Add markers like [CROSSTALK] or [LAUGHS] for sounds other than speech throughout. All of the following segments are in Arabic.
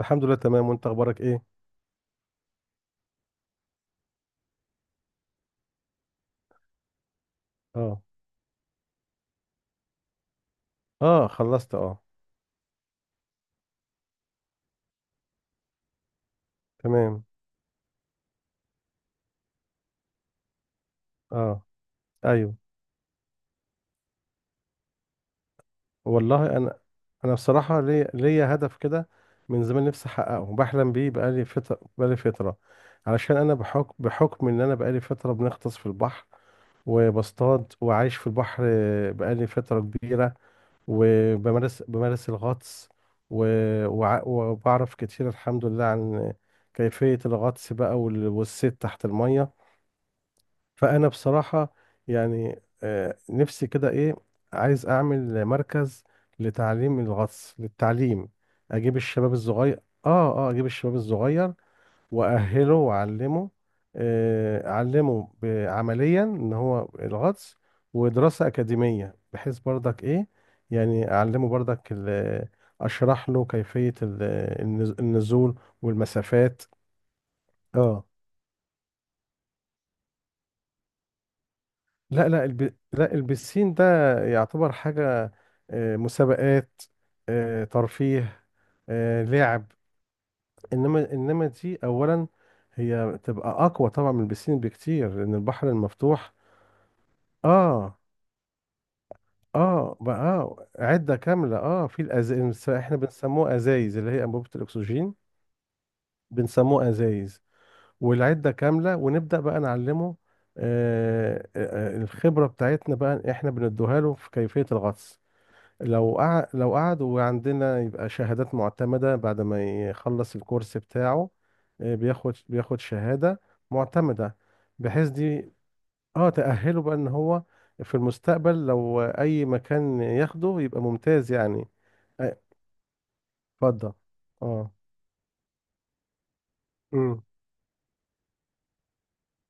الحمد لله، تمام. وانت اخبارك ايه؟ اه، اه، خلصت، اه. تمام. اه. ايوه. والله، انا بصراحه ليا هدف كده من زمان نفسي احققه، بحلم بيه بقالي فتره. علشان انا بحكم ان انا بقالي فتره بنغطس في البحر، وبصطاد، وعايش في البحر بقالي فتره كبيره. وبمارس الغطس و... وبعرف كتير الحمد لله عن كيفيه الغطس بقى، والصيد تحت الميه. فانا بصراحه، يعني نفسي كده، ايه، عايز اعمل مركز لتعليم الغطس، للتعليم. اجيب الشباب الصغير. اه. اه. اجيب الشباب الصغير، واهله، واعلمه، اعلمه عمليا ان هو الغطس، ودراسه اكاديميه، بحيث برضك ايه، يعني اعلمه برضك، اشرح له كيفيه النزول والمسافات. اه. لا، لا، لا البسين ده يعتبر حاجة، مسابقات، ترفيه، لعب. انما دي اولا هي تبقى اقوى طبعا من البسين بكتير، لان البحر المفتوح. اه. اه. بقى عدة كاملة، اه، في احنا بنسموه ازايز، اللي هي انبوبة الاكسجين. بنسموه ازايز. والعدة كاملة، ونبدأ بقى نعلمه. الخبرة بتاعتنا بقى احنا بندوها له في كيفية الغطس. لو قعد وعندنا، يبقى شهادات معتمدة بعد ما يخلص الكورس بتاعه. بياخد شهادة معتمدة، بحيث دي، اه، تأهله بقى ان هو في المستقبل لو اي مكان ياخده يبقى ممتاز يعني. آه، اتفضل. اه. امم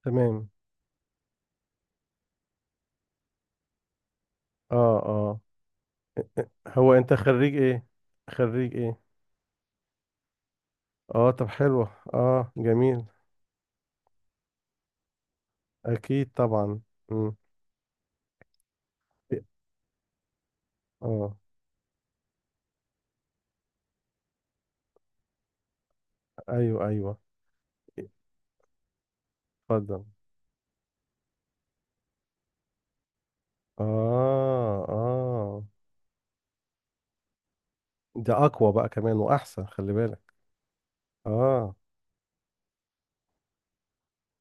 تمام. اه، اه. هو انت خريج ايه؟ خريج ايه؟ اه، طب حلو. اه، جميل. اكيد طبعا. امم اه. ايوه، ايوه. اتفضل. اه، اه. ده اقوى بقى كمان واحسن، خلي بالك. اه،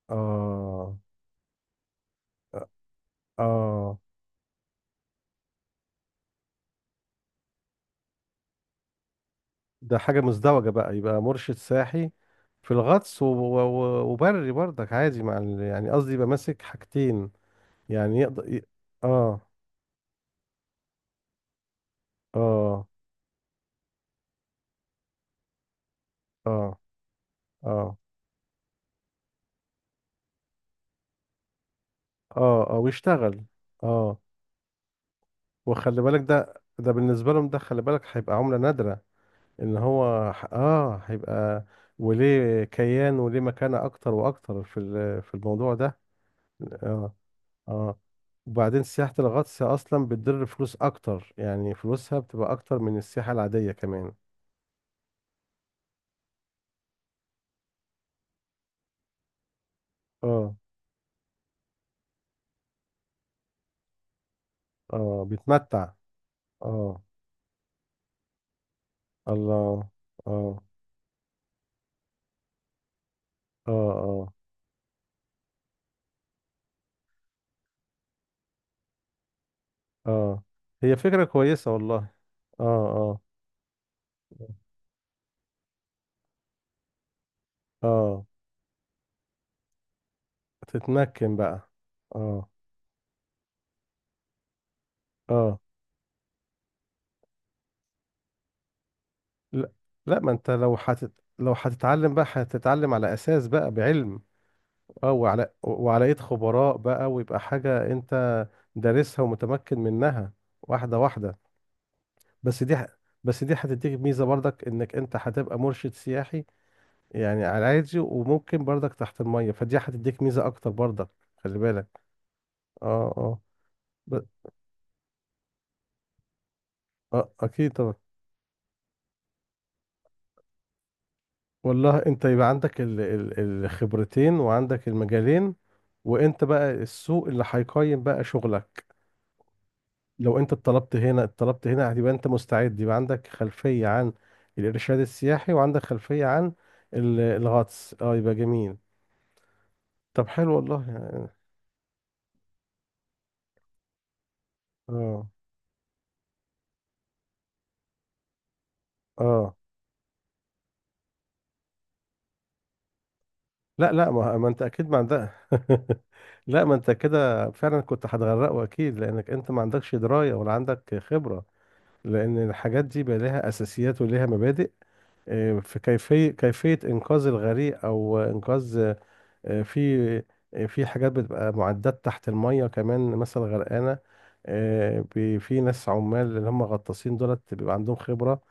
اه، اه. ده حاجة مزدوجة بقى، يبقى مرشد ساحي في الغطس، وبري برضك عادي مع يعني قصدي يبقى ماسك حاجتين. يعني اه. اه، اه، اه، اه، اه، ويشتغل. اه. وخلي بالك، ده بالنسبة لهم، ده خلي بالك هيبقى عملة نادرة، ان هو هيبقى وليه كيان وليه مكانة اكتر واكتر في في الموضوع ده. اه. اه. وبعدين سياحة الغطس اصلا بتدر فلوس اكتر، يعني فلوسها بتبقى اكتر من السياحة العادية كمان. اه. اه. بيتمتع. اه. الله. اه، اه، اه، اه. هي فكرة كويسة والله. اه، اه، اه. تتمكن بقى. اه اه لا لا ما انت لو حتت... لو هتتعلم بقى هتتعلم على اساس بقى بعلم اه وعلى وعلى ايد خبراء بقى ويبقى حاجة انت دارسها ومتمكن منها واحدة واحدة بس دي ح... بس دي هتديك ميزة برضك انك انت هتبقى مرشد سياحي يعني على عادي وممكن برضك تحت المية فدي هتديك ميزة اكتر برضك خلي بالك اه اه ب... اه اكيد طبعا والله انت يبقى عندك ال- ال- الخبرتين وعندك المجالين وانت بقى السوق اللي هيقيم بقى شغلك لو انت اتطلبت هنا اتطلبت هنا هتبقى انت مستعد يبقى عندك خلفية عن الارشاد السياحي وعندك خلفية عن ال- الغطس اه يبقى جميل طب حلو والله يعني. اه، اه. لا، لا، ما انت اكيد ما عندك. [LAUGHS] لا، ما انت كده فعلا كنت هتغرقه اكيد، لانك انت ما عندكش دراية ولا عندك خبرة. لان الحاجات دي بقى لها اساسيات ولها مبادئ، في كيفية إنقاذ الغريق، أو إنقاذ آه، في في حاجات بتبقى معدات تحت المية كمان مثلا غرقانة. في ناس عمال، اللي هم غطاسين دولت، بيبقى عندهم خبرة،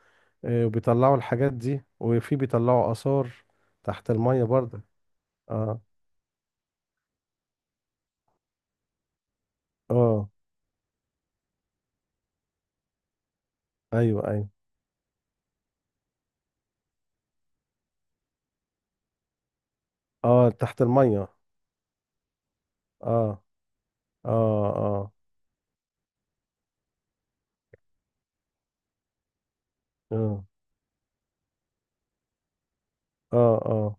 وبيطلعوا الحاجات دي، وفي بيطلعوا آثار تحت المية برضه. اه، اه. ايوه، ايوه. اه، تحت المية. اه، اه، اه، اه، اه، اه،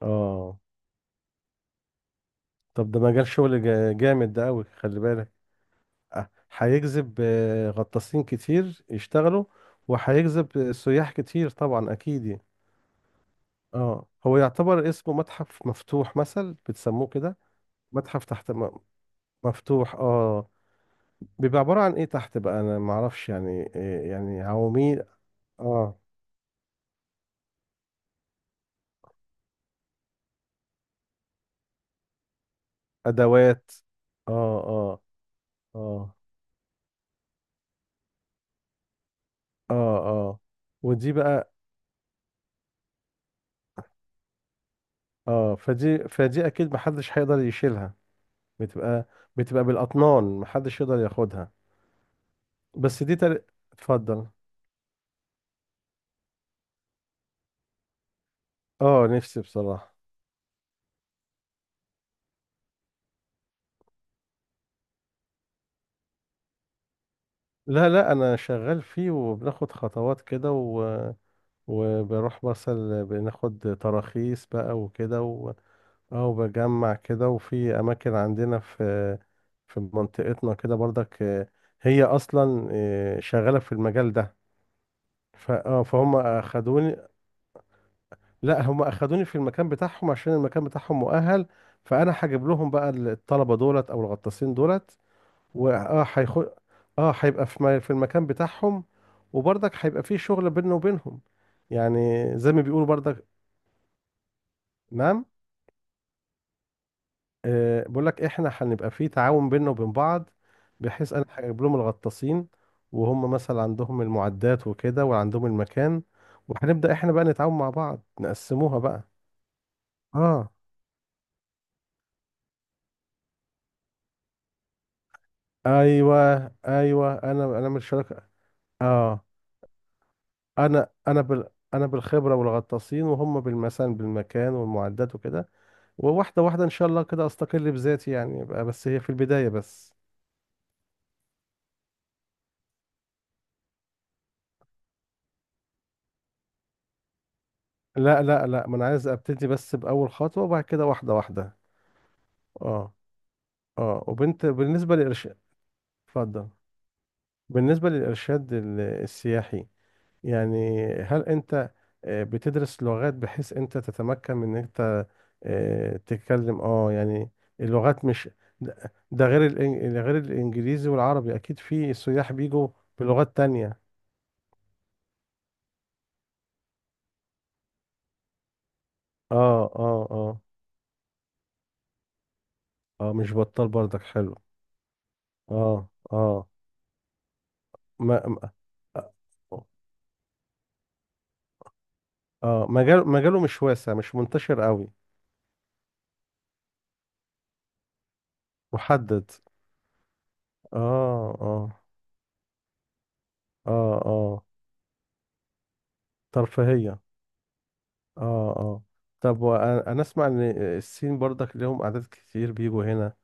اه. طب ده مجال شغل جامد ده أوي، خلي بالك. هيجذب غطاسين كتير يشتغلوا، وهيجذب سياح كتير طبعا، اكيد يعني. اه، هو يعتبر اسمه متحف مفتوح، مثل بتسموه كده. متحف مفتوح. اه. بيبقى عبارة عن ايه تحت بقى، انا معرفش يعني إيه، يعني عواميد. اه، ادوات. اه، اه، اه، اه، اه. ودي بقى، اه، فدي اكيد محدش هيقدر يشيلها، بتبقى بتبقى بالاطنان، محدش يقدر ياخدها. بس دي تل... اتفضل. اه، نفسي بصراحة. لا، لا، انا شغال فيه، وبناخد خطوات كده وبروح مثلا بناخد تراخيص بقى وكده اه، وبجمع كده، وفي اماكن عندنا في منطقتنا كده برضك، هي اصلا شغالة في المجال ده. ف... اه فهم اخدوني. لا، هم اخدوني في المكان بتاعهم عشان المكان بتاعهم مؤهل. فانا هجيب لهم بقى الطلبة دولت، او الغطاسين دولت. واه هيخ اه هيبقى في المكان بتاعهم، وبرضك هيبقى في شغل بيننا وبينهم يعني. زي ما بيقولوا برضك. نعم. آه، بقول لك، احنا هنبقى في تعاون بيننا وبين بعض، بحيث انا هجيب لهم الغطاسين، وهم مثلا عندهم المعدات وكده، وعندهم المكان. وهنبدأ احنا بقى نتعاون مع بعض، نقسموها بقى. اه، ايوه، ايوه، انا من الشركة. اه، انا انا بال انا بالخبرة والغطاسين، وهم بالمكان والمعدات وكده. وواحدة واحدة إن شاء الله كده أستقل بذاتي، يعني يبقى بس هي في البداية بس. لا، لا، لا، ما أنا عايز أبتدي بس بأول خطوة، وبعد كده واحدة واحدة. أه، أه، وبنت بالنسبة للإرشاد. اتفضل. بالنسبة للإرشاد السياحي، يعني هل أنت بتدرس لغات بحيث أنت تتمكن من إن أنت تتكلم، أه يعني، اللغات. مش ده غير غير الإنجليزي والعربي، أكيد في سياح بيجوا بلغات تانية. أه، أه، أه، اه، مش بطال برضك، حلو. اه، اه، ما ما- اه، مجال، مجاله مش واسع، مش منتشر قوي، محدد. اه، اه، اه، اه، ترفيهية. اه، اه. طب انا اسمع ان الصين برضك ليهم اعداد كتير بيجوا هنا،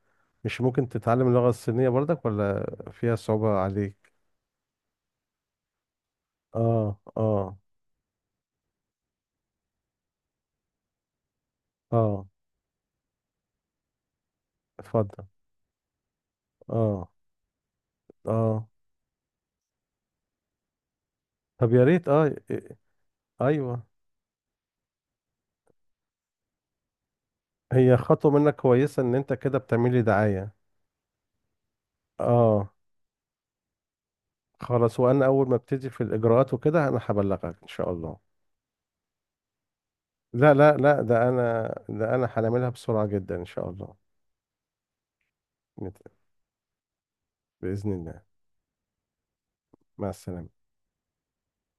مش ممكن تتعلم اللغة الصينية برضك؟ ولا فيها صعوبة عليك؟ اه، اه، اه. اتفضل. اه، اه. طب يا ريت. اه، إيه. ايوه. هي خطوة منك كويسة، ان انت كده بتعملي دعاية. اه، خلاص. وانا اول ما ابتدي في الاجراءات وكده، انا هبلغك ان شاء الله. لا، لا، لا، ده انا هنعملها بسرعة جدا ان شاء الله. نت- بإذن الله. مع السلامة.